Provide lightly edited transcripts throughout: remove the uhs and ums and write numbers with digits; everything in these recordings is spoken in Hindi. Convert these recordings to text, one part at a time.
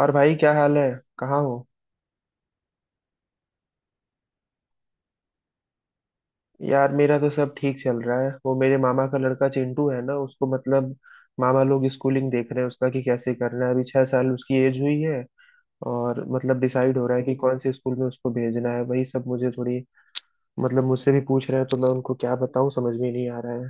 और भाई, क्या हाल है? कहाँ हो? यार, मेरा तो सब ठीक चल रहा है। वो मेरे मामा का लड़का चिंटू है ना, उसको मतलब मामा लोग स्कूलिंग देख रहे हैं उसका, कि कैसे करना है। अभी 6 साल उसकी एज हुई है और मतलब डिसाइड हो रहा है कि कौन से स्कूल में उसको भेजना है, वही सब मुझे थोड़ी मतलब मुझसे भी पूछ रहे हैं। तो मैं उनको क्या बताऊँ समझ में नहीं आ रहा है।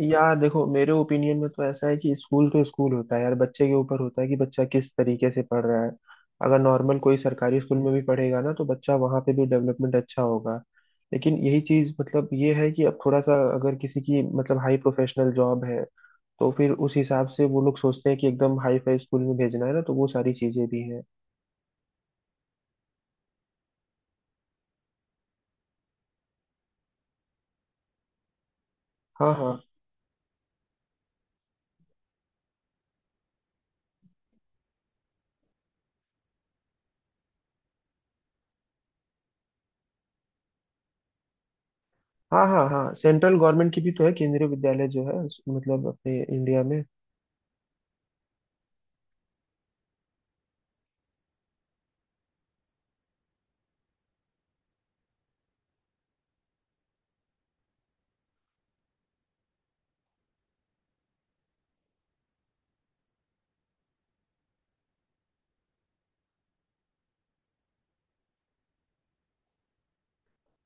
यार देखो, मेरे ओपिनियन में तो ऐसा है कि स्कूल तो स्कूल होता है यार। बच्चे के ऊपर होता है कि बच्चा किस तरीके से पढ़ रहा है। अगर नॉर्मल कोई सरकारी स्कूल में भी पढ़ेगा ना तो बच्चा वहाँ पे भी डेवलपमेंट अच्छा होगा। लेकिन यही चीज मतलब ये है कि अब थोड़ा सा अगर किसी की मतलब हाई प्रोफेशनल जॉब है तो फिर उस हिसाब से वो लोग सोचते हैं कि एकदम हाई फाई स्कूल में भेजना है, ना तो वो सारी चीजें भी हैं। हाँ हाँ हाँ हाँ हाँ, सेंट्रल गवर्नमेंट की भी तो है केंद्रीय विद्यालय जो है, मतलब अपने इंडिया में।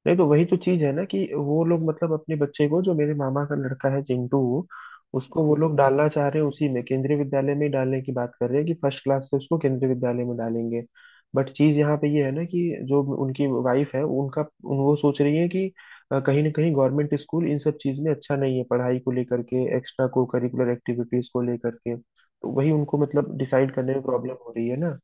नहीं तो वही तो चीज है ना, कि वो लोग मतलब अपने बच्चे को, जो मेरे मामा का लड़का है चिंटू, उसको वो लोग डालना चाह रहे हैं उसी में, केंद्रीय विद्यालय में ही डालने की बात कर रहे हैं कि फर्स्ट क्लास से उसको केंद्रीय विद्यालय में डालेंगे। बट चीज यहाँ पे ये है ना कि जो उनकी वाइफ है उनका वो सोच रही है कि कहीं ना कहीं गवर्नमेंट स्कूल इन सब चीज में अच्छा नहीं है, पढ़ाई को लेकर के, एक्स्ट्रा को करिकुलर एक्टिविटीज को लेकर के, तो वही उनको मतलब डिसाइड करने में प्रॉब्लम हो रही है ना।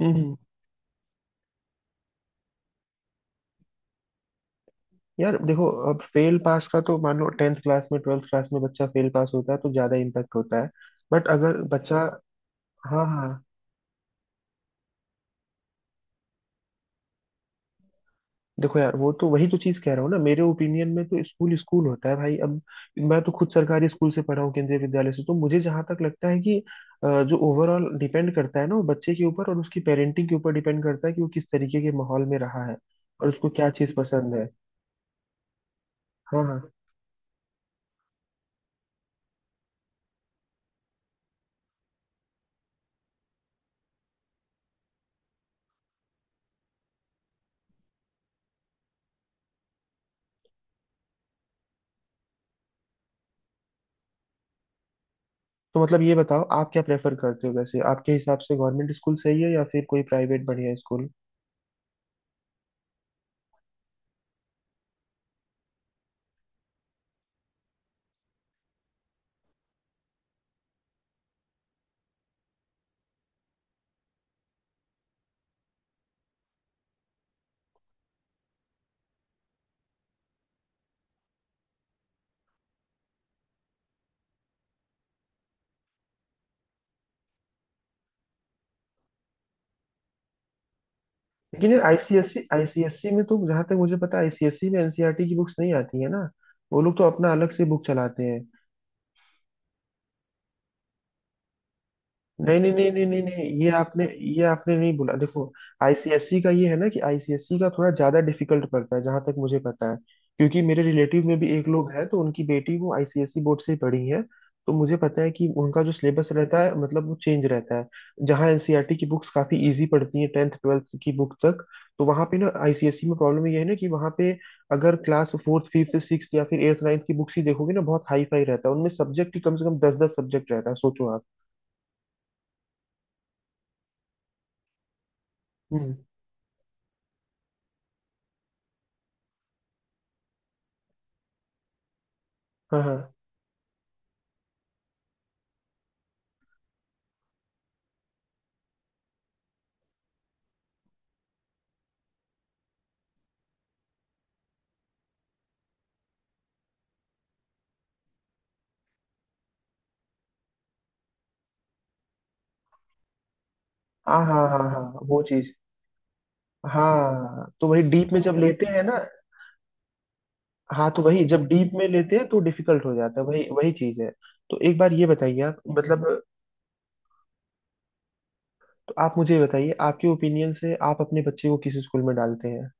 हम्म। यार देखो, अब फेल पास का तो मान लो टेंथ क्लास में, ट्वेल्थ क्लास में बच्चा फेल पास होता है तो ज्यादा इम्पैक्ट होता है, बट अगर बच्चा। हाँ हाँ। देखो यार, वो तो वही तो चीज कह रहा हूँ ना, मेरे ओपिनियन में तो स्कूल स्कूल होता है भाई। अब मैं तो खुद सरकारी स्कूल से पढ़ा हूँ, केंद्रीय विद्यालय से, तो मुझे जहां तक लगता है कि जो ओवरऑल डिपेंड करता है ना वो बच्चे के ऊपर और उसकी पेरेंटिंग के ऊपर डिपेंड करता है कि वो किस तरीके के माहौल में रहा है और उसको क्या चीज पसंद है। हाँ हाँ। तो मतलब ये बताओ, आप क्या प्रेफर करते हो? वैसे आपके हिसाब से गवर्नमेंट स्कूल सही है या फिर कोई प्राइवेट बढ़िया स्कूल? लेकिन यार आईसीएससी, आईसीएससी में तो जहाँ तक मुझे पता है, आईसीएससी में एनसीईआरटी की बुक्स नहीं आती है ना, वो लोग तो अपना अलग से बुक चलाते हैं। नहीं नहीं नहीं नहीं नहीं नहीं, ये आपने, ये आपने नहीं बोला। देखो, आईसीएसई का ये है ना कि आईसीएसई का थोड़ा ज्यादा डिफिकल्ट पड़ता है जहां तक मुझे पता है, क्योंकि मेरे रिलेटिव में भी एक लोग है तो उनकी बेटी वो आईसीएसई बोर्ड से ही पढ़ी है, तो मुझे पता है कि उनका जो सिलेबस रहता है मतलब वो चेंज रहता है। जहाँ एनसीईआरटी की बुक्स काफी इजी पड़ती हैं टेंथ ट्वेल्थ की बुक तक, तो वहाँ पे ना आईसीएसई में प्रॉब्लम ये है ना कि वहाँ पे अगर क्लास फोर्थ फिफ्थ सिक्स या फिर एट्थ नाइन्थ की बुक्स ही देखोगे ना, बहुत हाई फाई रहता है उनमें। सब्जेक्ट ही कम से कम दस दस सब्जेक्ट रहता है, सोचो आप। हम्म। हाँ हाँ हाँ हाँ हाँ हाँ, वो चीज। हाँ, तो वही डीप में जब लेते हैं ना। हाँ, तो वही जब डीप में लेते हैं तो डिफिकल्ट हो जाता है, वही वही चीज है। तो एक बार ये बताइए आप मतलब, तो आप मुझे ये बताइए, आपके ओपिनियन से आप अपने बच्चे को किस स्कूल में डालते हैं?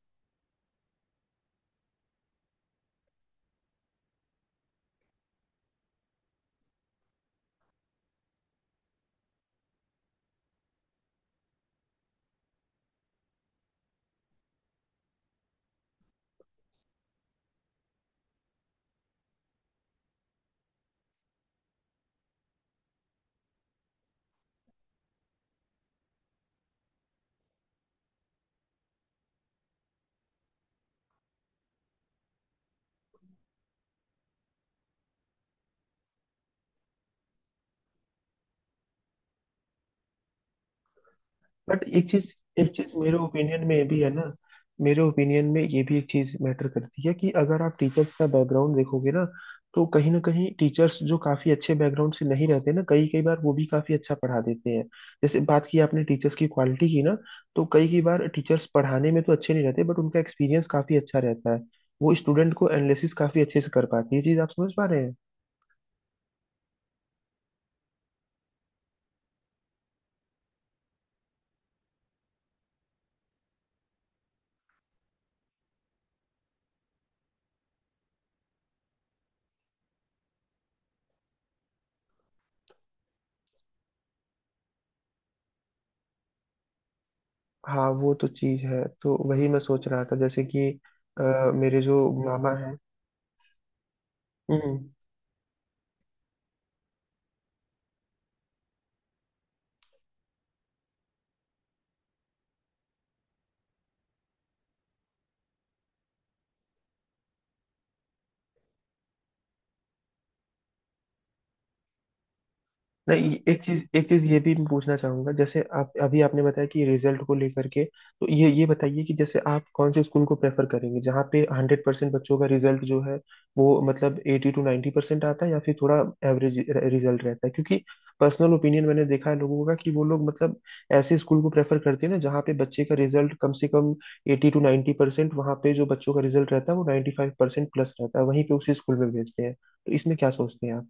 बट एक चीज, एक चीज मेरे ओपिनियन में ये भी है ना, मेरे ओपिनियन में ये भी एक चीज मैटर करती है कि अगर आप टीचर्स का बैकग्राउंड देखोगे ना, तो कहीं ना कहीं टीचर्स जो काफी अच्छे बैकग्राउंड से नहीं रहते ना, कई कई बार वो भी काफी अच्छा पढ़ा देते हैं। जैसे बात की आपने टीचर्स की क्वालिटी की ना, तो कई कई बार टीचर्स पढ़ाने में तो अच्छे नहीं रहते बट उनका एक्सपीरियंस काफी अच्छा रहता है, वो स्टूडेंट को एनालिसिस काफी अच्छे से कर पाती है। ये चीज आप समझ पा रहे हैं? हाँ वो तो चीज है, तो वही मैं सोच रहा था, जैसे कि अ, मेरे जो मामा है। नहीं ये- एक चीज, एक चीज ये भी मैं पूछना चाहूंगा, जैसे आप अभी आपने बताया कि रिजल्ट को लेकर के, तो ये बताइए कि जैसे आप कौन से स्कूल को प्रेफर करेंगे? जहाँ पे 100% बच्चों का रिजल्ट जो है वो मतलब एटी टू 90% परसेंट आता है, या फिर थोड़ा एवरेज रिजल्ट रहता है? क्योंकि पर्सनल ओपिनियन मैंने देखा है लोगों का कि वो लोग मतलब ऐसे स्कूल को प्रेफर करते हैं ना जहाँ पे बच्चे का रिजल्ट कम से कम एटी टू 90% परसेंट, वहाँ पे जो बच्चों का रिजल्ट रहता है वो 95% प्लस रहता है, वहीं पे उसी स्कूल में भेजते हैं। तो इसमें क्या सोचते हैं?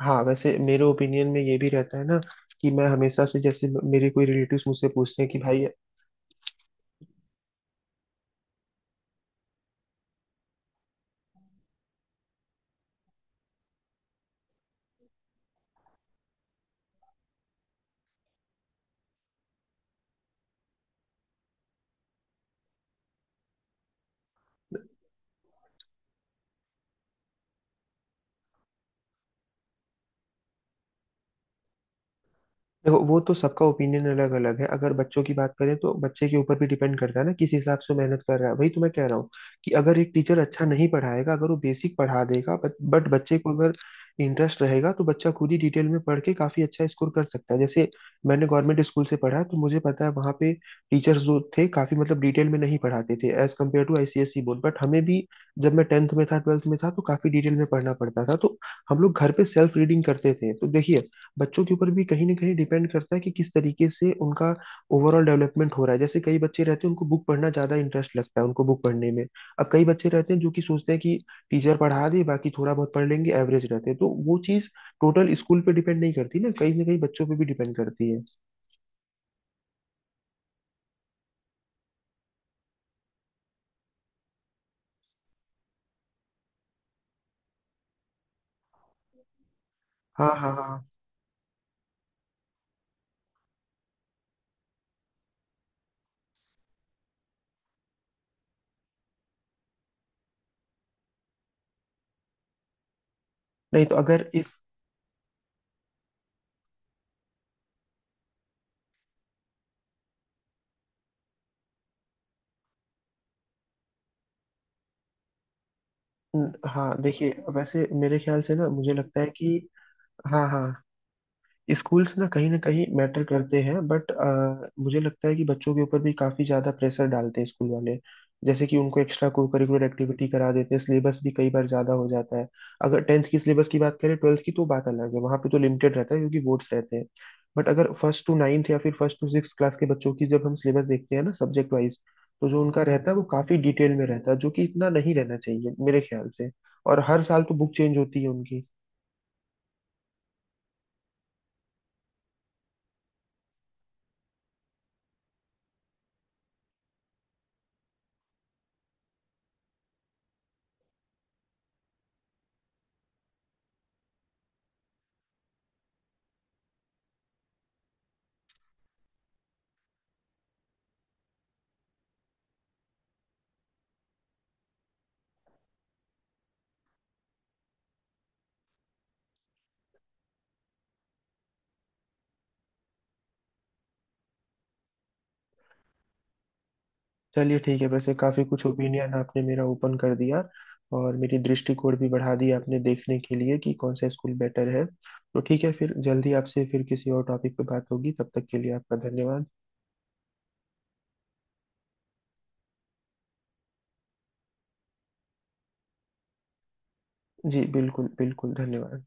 हाँ, वैसे मेरे ओपिनियन में ये भी रहता है ना कि मैं हमेशा से, जैसे मेरे कोई रिलेटिव्स मुझसे पूछते हैं कि भाई देखो, वो तो सबका ओपिनियन अलग अलग है। अगर बच्चों की बात करें तो बच्चे के ऊपर भी डिपेंड करता है ना, किस हिसाब से वो मेहनत कर रहा है। वही तो मैं कह रहा हूँ कि अगर एक टीचर अच्छा नहीं पढ़ाएगा, अगर वो बेसिक पढ़ा देगा, बट बच्चे को अगर इंटरेस्ट रहेगा तो बच्चा खुद ही डिटेल में पढ़ के काफी अच्छा स्कोर कर सकता है। जैसे मैंने गवर्नमेंट स्कूल से पढ़ा है, तो मुझे पता है वहाँ पे टीचर्स जो थे काफी मतलब डिटेल में नहीं पढ़ाते थे as compared to ICSE board, but हमें भी जब मैं टेंथ में था, ट्वेल्थ में था, तो काफी डिटेल में पढ़ना पड़ता था, तो हम लोग घर पे सेल्फ रीडिंग करते थे। तो देखिए, बच्चों के ऊपर भी कहीं ना कहीं डिपेंड करता है कि किस तरीके से उनका ओवरऑल डेवलपमेंट हो रहा है। जैसे कई बच्चे रहते हैं उनको बुक पढ़ना ज्यादा इंटरेस्ट लगता है, उनको बुक पढ़ने में। अब कई बच्चे रहते हैं जो कि सोचते हैं कि टीचर पढ़ा दे, बाकी थोड़ा बहुत पढ़ लेंगे, एवरेज रहते हैं, तो वो चीज टोटल स्कूल पे डिपेंड नहीं करती ना, कहीं ना कहीं बच्चों पे भी डिपेंड करती है। हाँ हाँ हाँ। नहीं, तो अगर इस हाँ देखिए, वैसे मेरे ख्याल से ना, मुझे लगता है कि, हाँ हाँ, स्कूल्स ना कहीं मैटर करते हैं बट मुझे लगता है कि बच्चों के ऊपर भी काफी ज्यादा प्रेशर डालते हैं स्कूल वाले, जैसे कि उनको एक्स्ट्रा को करिकुलर एक्टिविटी करा देते हैं, सिलेबस भी कई बार ज्यादा हो जाता है। अगर टेंथ की सिलेबस की बात करें ट्वेल्थ की तो बात अलग है, वहां पे तो लिमिटेड रहता है क्योंकि बोर्ड्स रहते हैं। बट अगर फर्स्ट टू नाइन्थ या फिर फर्स्ट टू सिक्स क्लास के बच्चों की जब हम सिलेबस देखते हैं ना सब्जेक्ट वाइज, तो जो उनका रहता है वो काफी डिटेल में रहता है, जो कि इतना नहीं रहना चाहिए मेरे ख्याल से। और हर साल तो बुक चेंज होती है उनकी। चलिए ठीक है, वैसे काफी कुछ ओपिनियन आपने मेरा ओपन कर दिया और मेरी दृष्टिकोण भी बढ़ा दिया आपने, देखने के लिए कि कौन सा स्कूल बेटर है। तो ठीक है, फिर जल्दी आपसे फिर किसी और टॉपिक पे बात होगी। तब तक के लिए आपका धन्यवाद। जी बिल्कुल बिल्कुल, धन्यवाद।